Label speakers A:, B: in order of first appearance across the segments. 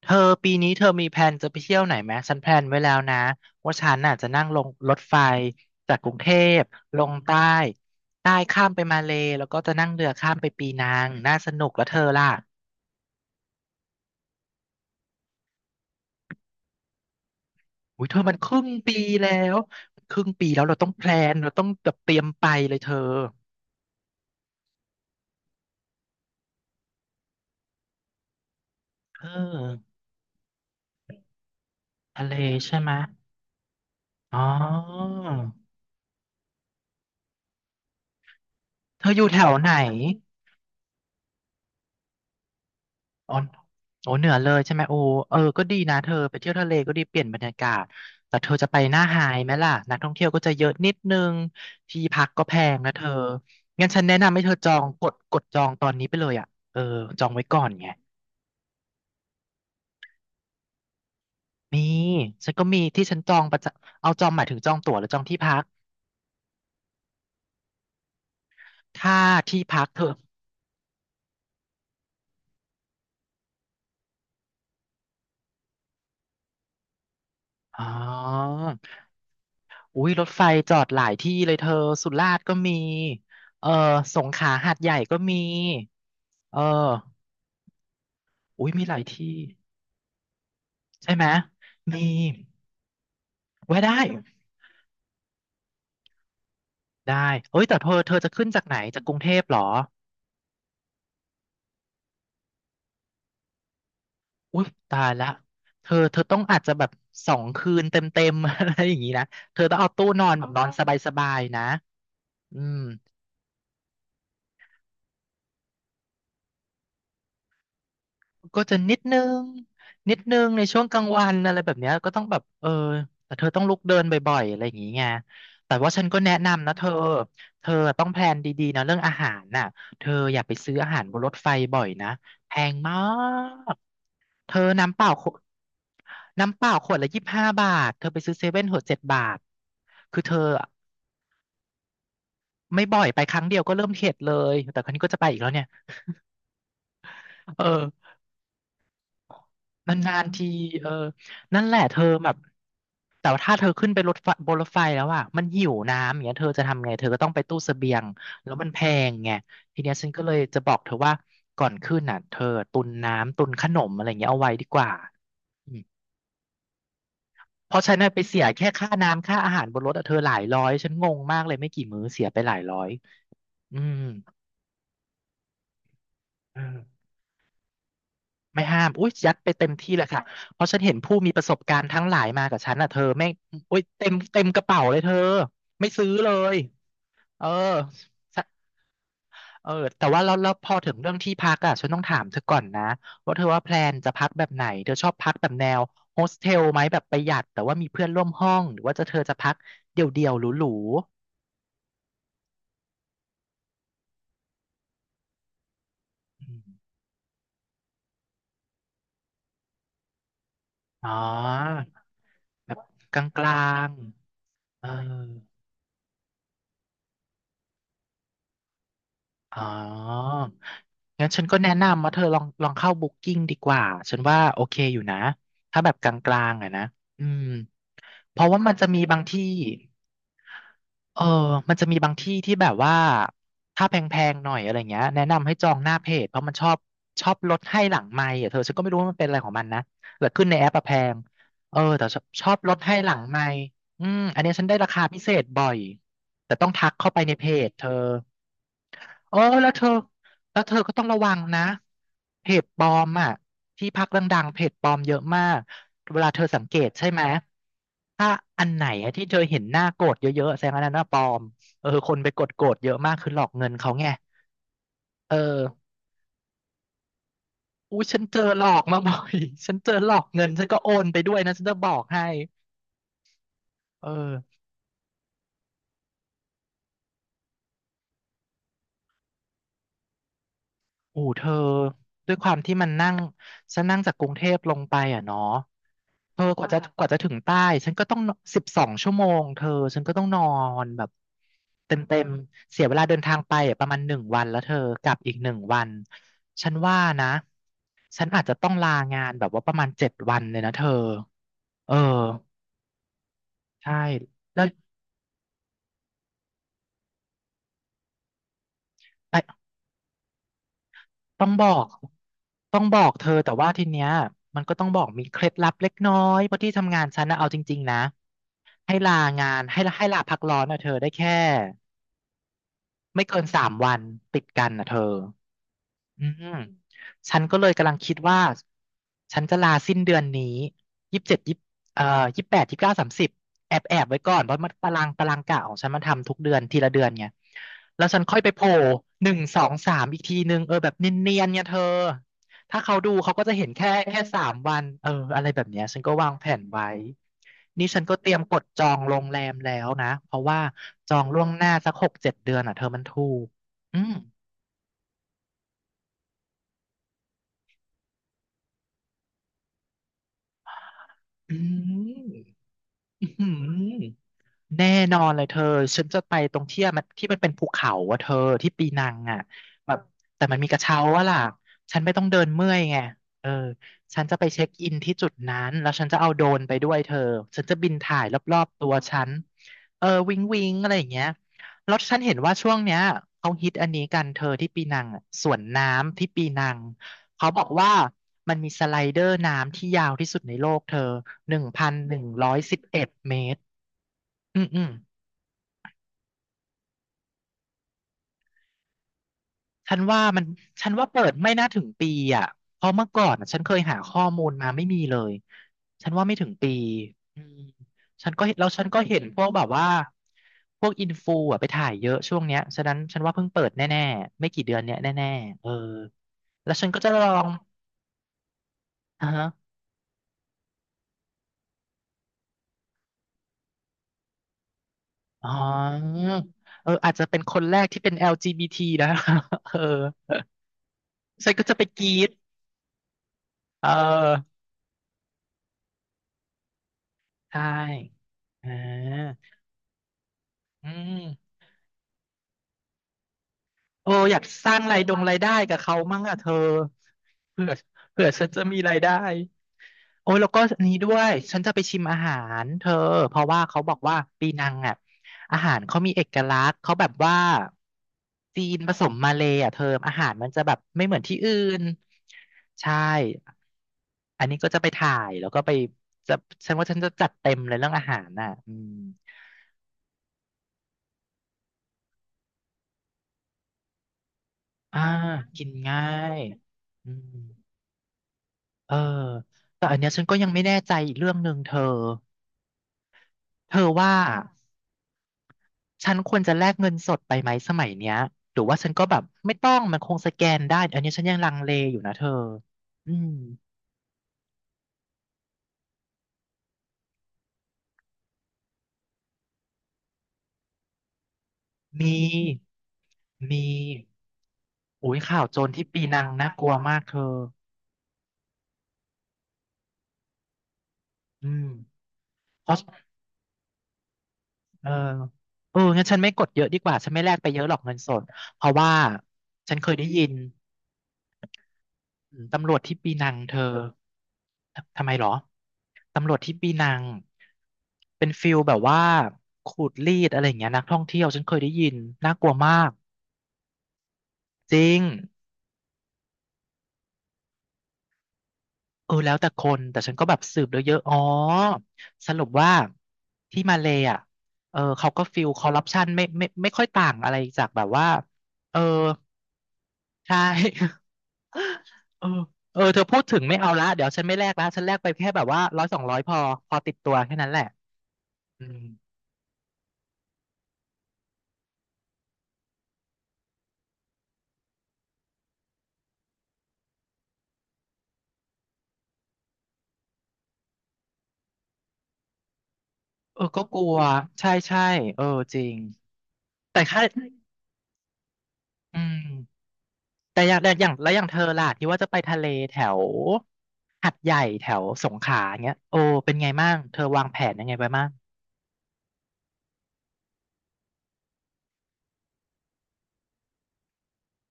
A: เธอปีนี้เธอมีแผนจะไปเที่ยวไหนไหมฉันแพลนไว้แล้วนะว่าฉันน่ะจะนั่งลงรถไฟจากกรุงเทพลงใต้ใต้ข้ามไปมาเลแล้วก็จะนั่งเรือข้ามไปปีนังน่าสนุกแล้วเธอล่ะอุ้ยเธอมันครึ่งปีแล้วเราต้องแพลนเราต้องแบบเตรียมไปเลยเธอเออทะเลใช่ไหมะอ๋อเธออยู่แถวไหน อ๋อโอ้เหนือเลยใช่ไหมโอ้เออก็ดีนะเธอไปเที่ยวทะเลก็ดีเปลี่ยนบรรยากาศแต่เธอจะไปหน้าไฮไหมล่ะนักท่องเที่ยวก็จะเยอะนิดนึงที่พักก็แพงนะเธองั้นฉันแนะนำให้เธอจองกดจองตอนนี้ไปเลยอ่ะเออจองไว้ก่อนไงมีฉันก็มีที่ฉันจองประจำเอาจองหมายถึงจองตั๋วหรือจองที่พักถ้าที่พักเธออ๋ออุ้ยรถไฟจอดหลายที่เลยเธอสุราษฎร์ก็มีเออสงขลาหาดใหญ่ก็มีเออ อุ้ยมีหลายที่ใช่ไหมมีไว้ได้ได้เอ้ยแต่เธอเธอจะขึ้นจากไหนจากกรุงเทพเหรออุ้ยตายละเธอเธอต้องอาจจะแบบ2 คืนเต็มๆ อะไรอย่างนี้นะเธอต้องเอาตู้นอนแบบนอนสบายๆนะอืม ก็จะนิดนึงนิดนึงในช่วงกลางวันอะไรแบบเนี้ยก็ต้องแบบเออแต่เธอต้องลุกเดินบ่อยๆอะไรอย่างงี้ไงแต่ว่าฉันก็แนะนำนะเธอเธอต้องแพลนดีๆนะเรื่องอาหารน่ะเธออย่าไปซื้ออาหารบนรถไฟบ่อยนะแพงมากเธอน้ำเปล่าขวดน้ำเปล่าขวดละ25 บาทเธอไปซื้อเซเว่นขวด7 บาทคือเธอไม่บ่อยไปครั้งเดียวก็เริ่มเข็ดเลยแต่ครั้งนี้ก็จะไปอีกแล้วเนี่ยเออ นานๆานทีเออนั่นแหละเธอแบบแต่ว่าถ้าเธอขึ้นไปรถไฟบนรถไฟแล้วอ่ะมันหิวน้ำอย่างเงี้ยเธอจะทำไง เธอก็ต้องไปตู้เสบียงแล้วมันแพงไงทีเนี้ยฉันก็เลยจะบอกเธอว่าก่อนขึ้นน่ะเธอตุนน้ำตุนขนมอะไรเงี้ยเอาไว้ดีกว่าอืมเพราะฉันน่ะไปเสียแค่ค่าน้ำค่าอาหารบนรถอะเธอหลายร้อยฉันงงมากเลยไม่กี่มื้อเสียไปหลายร้อยอืม ไม่ห้ามอุ้ยยัดไปเต็มที่เลยค่ะ เพราะฉันเห็นผู้มีประสบการณ์ทั้งหลายมากับฉันอ่ะเธอไม่งอุ้ยเต็มเต็มกระเป๋าเลยเธอ ไม่ซื้อเลย เออสะเออแต่ว่าแล้วพอถึงเรื่องที่พักอ่ะฉันต้องถามเธอก่อนนะว่าเธอว่าแพลนจะพักแบบไหน เธอชอบพักแบบแนวโฮสเทลไหมแบบประหยัด แต่ว่ามีเพื่อนร่วมห้อง หรือว่าจะเธอจะพักเดี่ยวๆหรูๆอืมอ๋อแบบกลางๆเออ อ๋องั้นฉันก็แนะนำว่าเธอลองเข้าBookingดีกว่า ฉันว่าโอเคอยู่นะ ถ้าแบบกลางๆอะนะอืมเพราะว่ามันจะมีบางที่เออมันจะมีบางที่ที่แบบว่า ถ้าแพงๆหน่อยอะไรเงี้ยแนะนำให้จองหน้าเพจ เพราะมันชอบลดให้หลังไมค์อ่ะเธอฉันก็ไม่รู้ว่ามันเป็นอะไรของมันนะแล้วขึ้นในแอปอะแพงเออแต่ชอบลดให้หลังไมค์อืมอันเนี้ยฉันได้ราคาพิเศษบ่อยแต่ต้องทักเข้าไปในเพจเธอ เออแล้วเธอแล้วเธอก็ต้องระวังนะเพจปลอมอ่ะที่พักดังๆเพจปลอมเยอะมาก เวลาเธอสังเกตใช่ไหม ถ้าอันไหนอะที่เธอเห็นหน้าโกรธเยอะๆแสดงว่าอันนั้นน่ะปลอมเออคนไปกดโกรธเยอะมากคือหลอกเงินเขาไงเอออู้ฉันเจอหลอกมาบ่อย ฉันเจอหลอกเงินฉันก็โอนไปด้วยนะฉันจะบอกให้เอออู้เธอด้วยความที่มันนั่ง ฉันนั่งจากกรุงเทพลงไปอ่ะเนาะ เธอกว่าจะถึงใต้ฉันก็ต้อง12 ชั่วโมงเธอฉันก็ต้องนอนแบบเต็มเต็มมเสียเวลาเดินทางไปอะประมาณหนึ่งวันแล้วเธอกลับอีกหนึ่งวันฉันว่านะฉันอาจจะต้องลางานแบบว่าประมาณ7 วันเลยนะเธอเออใช่แล้วไอ้ต้องบอกต้องบอกเธอแต่ว่าทีเนี้ยมันก็ต้องบอกมีเคล็ดลับเล็กน้อยเพราะที่ทำงานฉันนะเอาจริงๆนะให้ลางานให้ให้ลาพักร้อนนะเธอได้แค่ ไม่เกิน3 วันติดกันนะเธอ อืมฉันก็เลยกำลังคิดว่าฉันจะลาสิ้นเดือนนี้27ยี่เอ่อ28 29 30แอบไว้ก่อนเพราะมันตารางกะของฉันมันทำทุกเดือนทีละเดือนไงแล้วฉันค่อยไปโผล่1 2 3อีกทีนึงเออแบบเนียนๆเนี่ยเธอถ้าเขาดูเขาก็จะเห็นแค่3 วันเอออะไรแบบเนี้ยฉันก็วางแผนไว้นี่ฉันก็เตรียมกดจองโรงแรมแล้วนะเพราะว่าจองล่วงหน้าสัก6 7 เดือนอ่ะเธอมันถูกอืมอืม อื้อหือ แน่นอนเลยเธอ ฉันจะไปตรงที่มันเป็นภูเขาอะเธอที่ปีนังอะแบบแต่มันมีกระเช้าว่าล่ะฉันไม่ต้องเดินเมื่อยไงเออฉันจะไปเช็คอินที่จุดนั้นแล้วฉันจะเอาโดรนไปด้วยเธอ ฉันจะบินถ่ายรอบๆตัวฉันเออวิงวิงอะไรอย่างเงี้ยแล้วฉันเห็นว่าช่วงเนี้ยเขาฮิตอันนี้กันเธอที่ปีนังอะสวนน้ำที่ปีนังเขาบอกว่ามันมีสไลเดอร์น้ำที่ยาวที่สุดในโลกเธอ1,111 เมตรอืมอืม ฉันว่ามันฉันว่าเปิดไม่น่าถึงปีอ่ะเพราะเมื่อก่อนอะฉันเคยหาข้อมูลมาไม่มีเลยฉันว่าไม่ถึงปีอืมฉันก็เห็นพวกแบบว่าพวกอินฟูอ่ะไปถ่ายเยอะช่วงเนี้ยฉะนั้นฉันว่าเพิ่งเปิดแน่ๆไม่กี่เดือนเนี้ยแน่ๆเออแล้วฉันก็จะลองอ่าฮะอ๋อเอออาจจะเป็นคนแรกที่เป็น LGBT นะ เออฉันก็จะไปกรีดเออใช่อ่าอืม โอ้อยากสร้างรายได้กับเขามั่งอ่ะเธอเผื่อเผื่อฉันจะมีรายได้โอ้ยแล้วก็อันนี้ด้วยฉันจะไปชิมอาหารเธอเพราะว่าเขาบอกว่าปีนังอ่ะอาหารเขามีเอกลักษณ์เขาแบบว่าจีนผสมมาเลย์อ่ะเธออาหารมันจะแบบไม่เหมือนที่อื่นใช่อันนี้ก็จะไปถ่ายแล้วก็ไปจะฉันว่าฉันจะจัดเต็มเลยเรื่องอาหารน่ะอืมอ่ากินง่ายอืม เออแต่อันเนี้ยฉันก็ยังไม่แน่ใจอีกเรื่องหนึ่งเธอเธอว่าฉันควรจะแลกเงินสดไปไหมสมัยเนี้ยหรือว่าฉันก็แบบไม่ต้องมันคงสแกนได้อันเนี้ยฉันยังลังเลอยู่นะเธออืมมีมีโอ้ยข่าวโจรที่ปีนังน่ากลัวมากเธออืมเพราะเออเอองั้นฉันไม่กดเยอะดีกว่าฉันไม่แลกไปเยอะหรอกเงินสดเพราะว่าฉันเคยได้ยิน อืมตำรวจที่ปีนังเธอทำไมเหรอตำรวจที่ปีนังเป็นฟิลแบบว่าขูดรีดอะไรอย่างเงี้ยนักท่องเที่ยวฉันเคยได้ยินน่ากลัวมากจริงเออแล้วแต่คนแต่ฉันก็แบบสืบเยอะๆอ๋อสรุปว่าที่มาเลย์อ่ะเออเขาก็ฟิลคอร์รัปชันไม่ค่อยต่างอะไรจากแบบว่าเออใช่ เออเออเธอพูดถึงไม่เอาละเดี๋ยวฉันไม่แลกละฉันแลกไปแค่แบบว่า100 200พอพอติดตัวแค่นั้นแหละ อืมเออก็กลัว ใช่ใช่เออจริงแต่ค่าอืมแต่อย่างแล้วอย่างเธอล่ะที่ว่าจะไปทะเลแถวหัดใหญ่แถวสงขลาเงี้ยโอ้เป็นไงบ้างเธอวางแผนยังไงไปบ้าง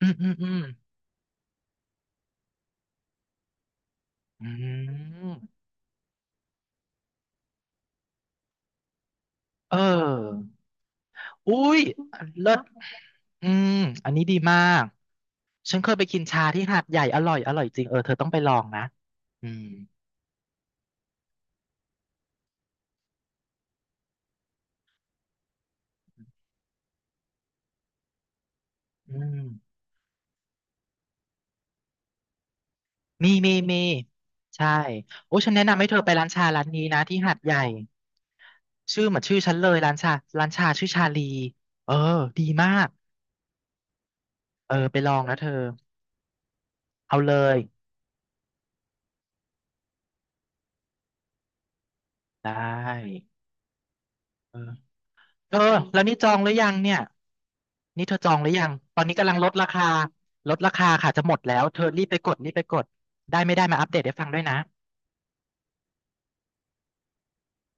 A: อืมอืมอืมอืมเอออุ้ยเลิศอืมอันนี้ดีมาก ฉันเคยไปกินชาที่หาดใหญ่อร่อยอร่อยจริงเออเธอต้องไปลองนะอืมอืม มีมีมีใช่โอ้ฉันแนะนำให้เธอไปร้านชาร้านนี้นะที่หาดใหญ่ชื่อเหมือนชื่อฉันเลยร้านชาร้านชาชื่อชาลีเออดีมากเออไปลองนะเธอเอาเลยได้เออเธอแล้วนี่จองหรือยังเนี่ยนี่เธอจองหรือยังตอนนี้กำลังลดราคาลดราคาค่ะจะหมดแล้วเธอรีบไปกดรีบไปกดได้ไม่ได้มาอัปเดตให้ฟังด้วยนะ